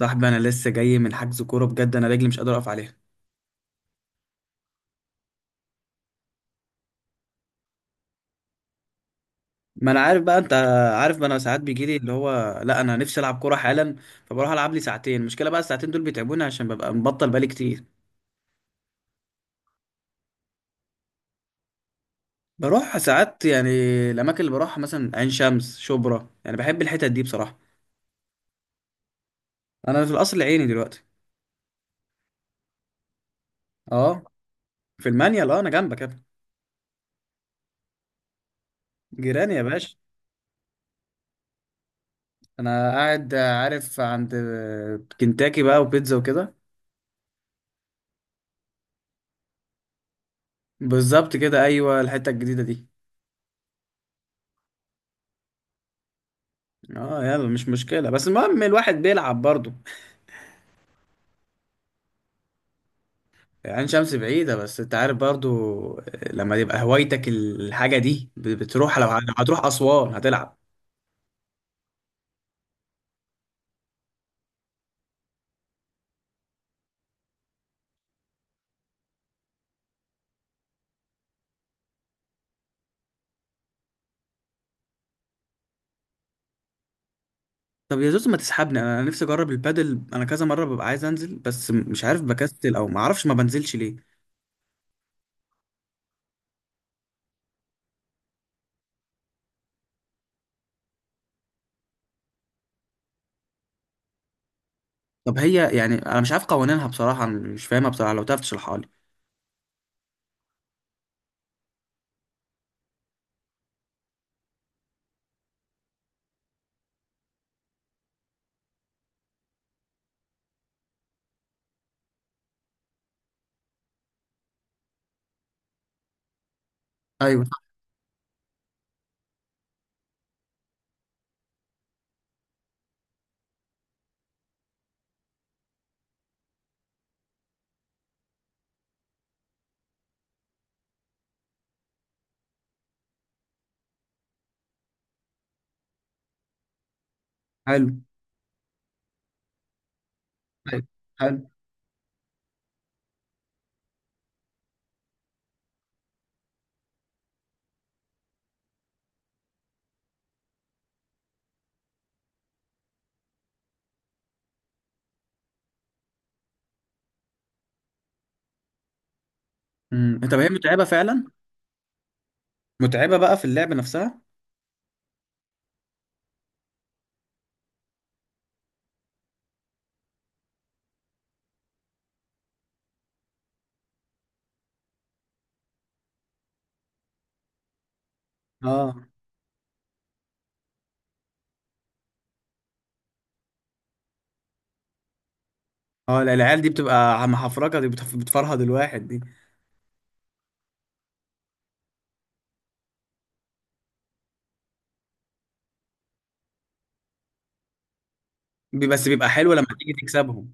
صاحبي، انا لسه جاي من حجز كوره. بجد انا رجلي مش قادر اقف عليها. ما انا عارف بقى. انت عارف، ما انا ساعات بيجي لي اللي هو لا، انا نفسي العب كوره حالا، فبروح العب لي ساعتين. المشكله بقى الساعتين دول بيتعبوني عشان ببقى مبطل بقالي كتير. بروح ساعات يعني. الاماكن اللي بروحها مثلا عين شمس، شبرا، يعني بحب الحتت دي بصراحه. انا في القصر العيني دلوقتي. اه، في المانيال. اه، انا جنبك يا ابني. جيراني يا باشا. انا قاعد عارف عند كنتاكي بقى، وبيتزا وكده. بالظبط كده، ايوه، الحته الجديده دي. اه، يلا، مش مشكلة، بس المهم الواحد بيلعب برضو. عين شمس بعيدة، بس انت عارف برضو، لما يبقى هوايتك الحاجة دي بتروح، لو هتروح أسوان هتلعب. طب يا زوز، ما تسحبني انا. نفسي اجرب البادل. انا كذا مرة ببقى عايز انزل بس مش عارف، بكسل او ما اعرفش، ما بنزلش ليه. طب هي يعني انا مش عارف قوانينها بصراحة، أنا مش فاهمها بصراحة، لو تعرف تشرحها لي. ايوه. حلو. أيوة، حلو. طب هي متعبة فعلا. متعبة بقى في اللعب نفسها. اه. اه، لا، العيال دي بتبقى محفرجة. دي بتفرهد الواحد دي. بس بيبقى حلو لما تيجي تكسبهم.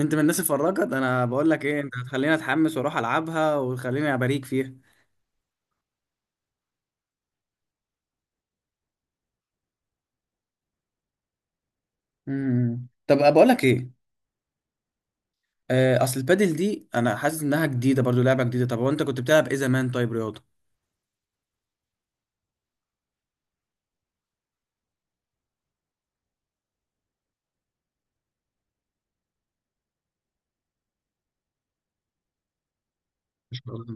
انت من الناس الفراجة ده. انا بقول لك ايه، انت هتخليني اتحمس واروح العبها، وتخليني اباريك فيها. طب بقول لك ايه. اصل البادل دي انا حاسس انها جديده برضو، لعبه جديده. طب هو انت كنت بتلعب ايه زمان؟ طيب رياضه؟ مش عارف.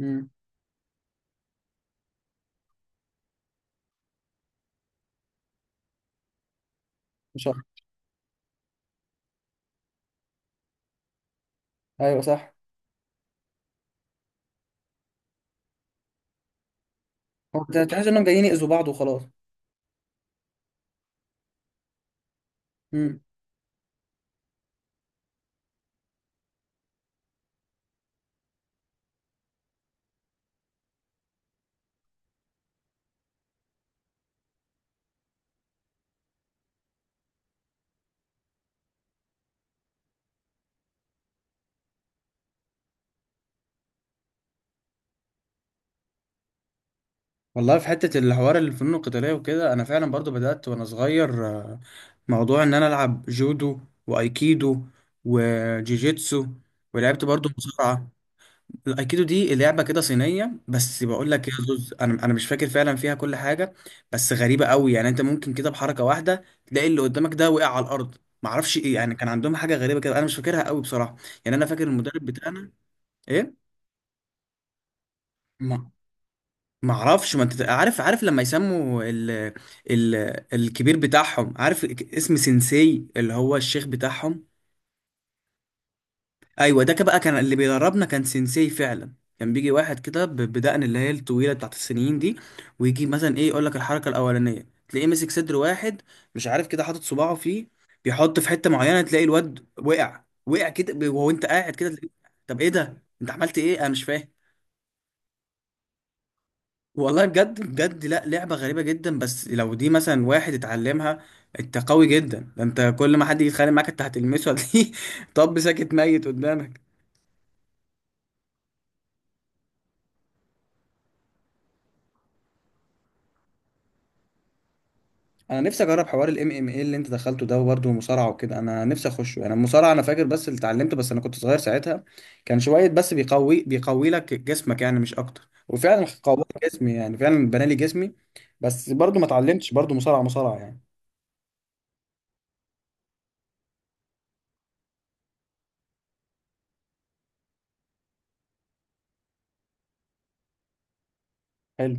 امم مش عارف. ايوه صح. هو تحس انهم جايين يأذوا بعض وخلاص. امم والله في حته الحوار الفنون القتاليه وكده، انا فعلا برضو بدات وانا صغير. موضوع ان انا العب جودو، وايكيدو، وجيجيتسو، ولعبت برضو مصارعه. الايكيدو دي لعبه كده صينيه. بس بقول لك يا زوز، انا مش فاكر فعلا فيها كل حاجه. بس غريبه قوي يعني، انت ممكن كده بحركه واحده تلاقي اللي قدامك ده وقع على الارض. معرفش ايه يعني، كان عندهم حاجه غريبه كده، انا مش فاكرها قوي بصراحه. يعني انا فاكر المدرب بتاعنا. ايه. ما ما اعرفش، ما انت عارف، عارف لما يسموا ال... الكبير بتاعهم، عارف اسم سensei اللي هو الشيخ بتاعهم. ايوه، ده كان بقى اللي بيدربنا كان سينسي فعلا. كان بيجي واحد كده بدقن، اللي هي الطويله بتاعت السنين دي. ويجي مثلا ايه يقول لك الحركه الاولانيه، تلاقيه ماسك صدر واحد، مش عارف كده، حاطط صباعه فيه، بيحط في حته معينه، تلاقي الواد وقع وقع كده وهو انت قاعد كده تلاقيه- طب ايه ده، انت عملت ايه؟ انا مش فاهم. والله بجد بجد، لا، لعبه غريبه جدا. بس لو دي مثلا واحد اتعلمها، انت قوي جدا. ده انت كل ما حد يتخانق معاك، انت هتلمسه هتلاقيه طب ساكت ميت قدامك. انا نفسي اجرب حوار الام ام اي اللي انت دخلته ده، وبرده المصارعه وكده. انا نفسي اخشه انا، المصارعه. انا فاكر بس اللي اتعلمته، بس انا كنت صغير ساعتها. كان شويه بس بيقوي بيقوي لك جسمك يعني، مش اكتر، وفعلا قوى جسمي يعني، فعلا بنى لي جسمي. بس برضو ما اتعلمتش برضو مصارعه مصارعه يعني. حلو.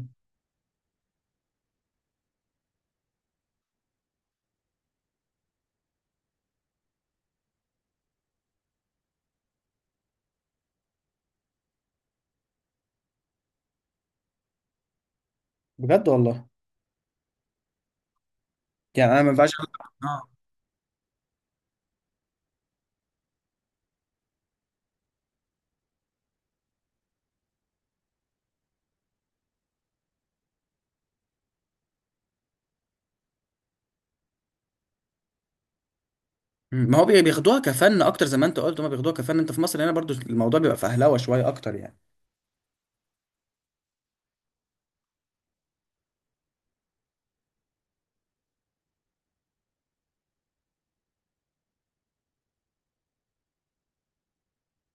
بجد والله. يعني انا ما ينفعش أقول- اه. ما هو بياخدوها كفن اكتر. زي ما انت قلت، هما بياخدوها كفن. انت في مصر هنا برضو الموضوع بيبقى فهلوه شويه اكتر يعني.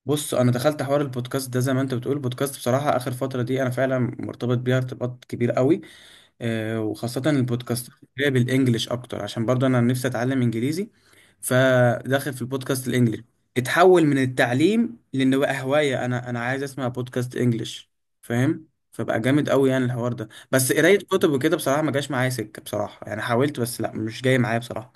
بص، انا دخلت حوار البودكاست ده، زي ما انت بتقول، البودكاست بصراحه اخر فتره دي انا فعلا مرتبط بيها ارتباط كبير قوي. وخاصة البودكاست اللي هي بالانجلش اكتر، عشان برضه انا نفسي اتعلم انجليزي، فداخل في البودكاست الانجليش. اتحول من التعليم لان بقى هواية. انا عايز اسمع بودكاست انجليش، فاهم؟ فبقى جامد قوي يعني الحوار ده. بس قراية كتب وكده بصراحة ما جاش معايا سكة بصراحة يعني، حاولت بس لا، مش جاي معايا بصراحة.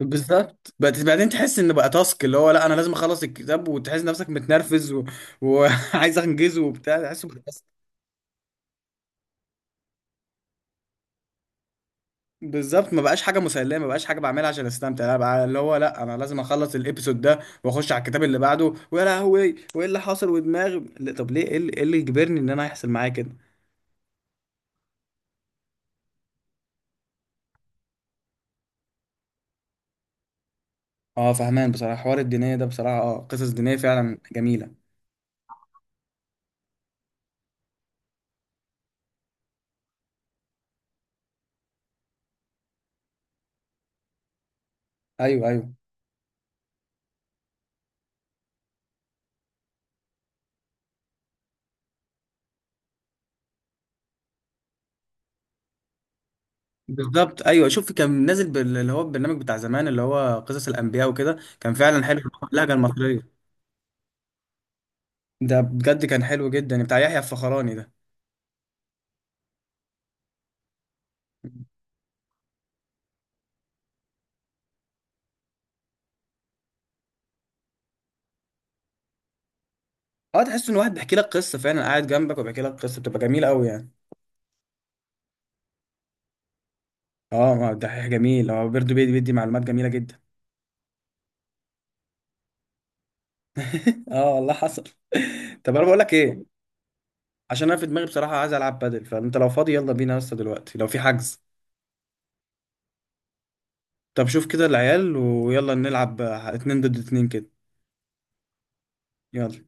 بالظبط، بس بعدين تحس ان بقى تاسك، اللي هو لا، انا لازم اخلص الكتاب، وتحس نفسك متنرفز وعايز انجزه وبتاع تحس. بالظبط، ما بقاش حاجه مسليه، ما بقاش حاجه بعملها عشان استمتع، لا بقى اللي هو لا، انا لازم اخلص الابيسود ده واخش على الكتاب اللي بعده، ويا لهوي، وايه اللي حاصل، ودماغي لا، طب ليه، ايه اللي إيه اللي يجبرني ان انا يحصل معايا كده؟ اه، فهمان بصراحه. حوار الدينيه ده بصراحه، اه، قصص دينيه فعلا جميله. ايوه، ايوه. بالظبط، ايوه. شوف، كان نازل اللي هو البرنامج بتاع زمان اللي هو قصص الانبياء وكده، كان فعلا حلو، اللهجه المصريه. ده بجد كان حلو جدا، بتاع يحيى الفخراني ده. اه، تحس ان واحد بيحكي لك قصه فعلا، قاعد جنبك وبيحكي لك قصه، بتبقى جميله قوي يعني. اه، ما ده حاجه جميل، هو بيرضو بيدي بيدي معلومات جميله جدا. اه والله حصل. طب انا بقول لك ايه، عشان انا في دماغي بصراحه عايز العب بادل، فانت لو فاضي يلا بينا يا اسطى دلوقتي، لو في حجز. طب شوف كده العيال، ويلا نلعب اتنين ضد اتنين كده. يلا.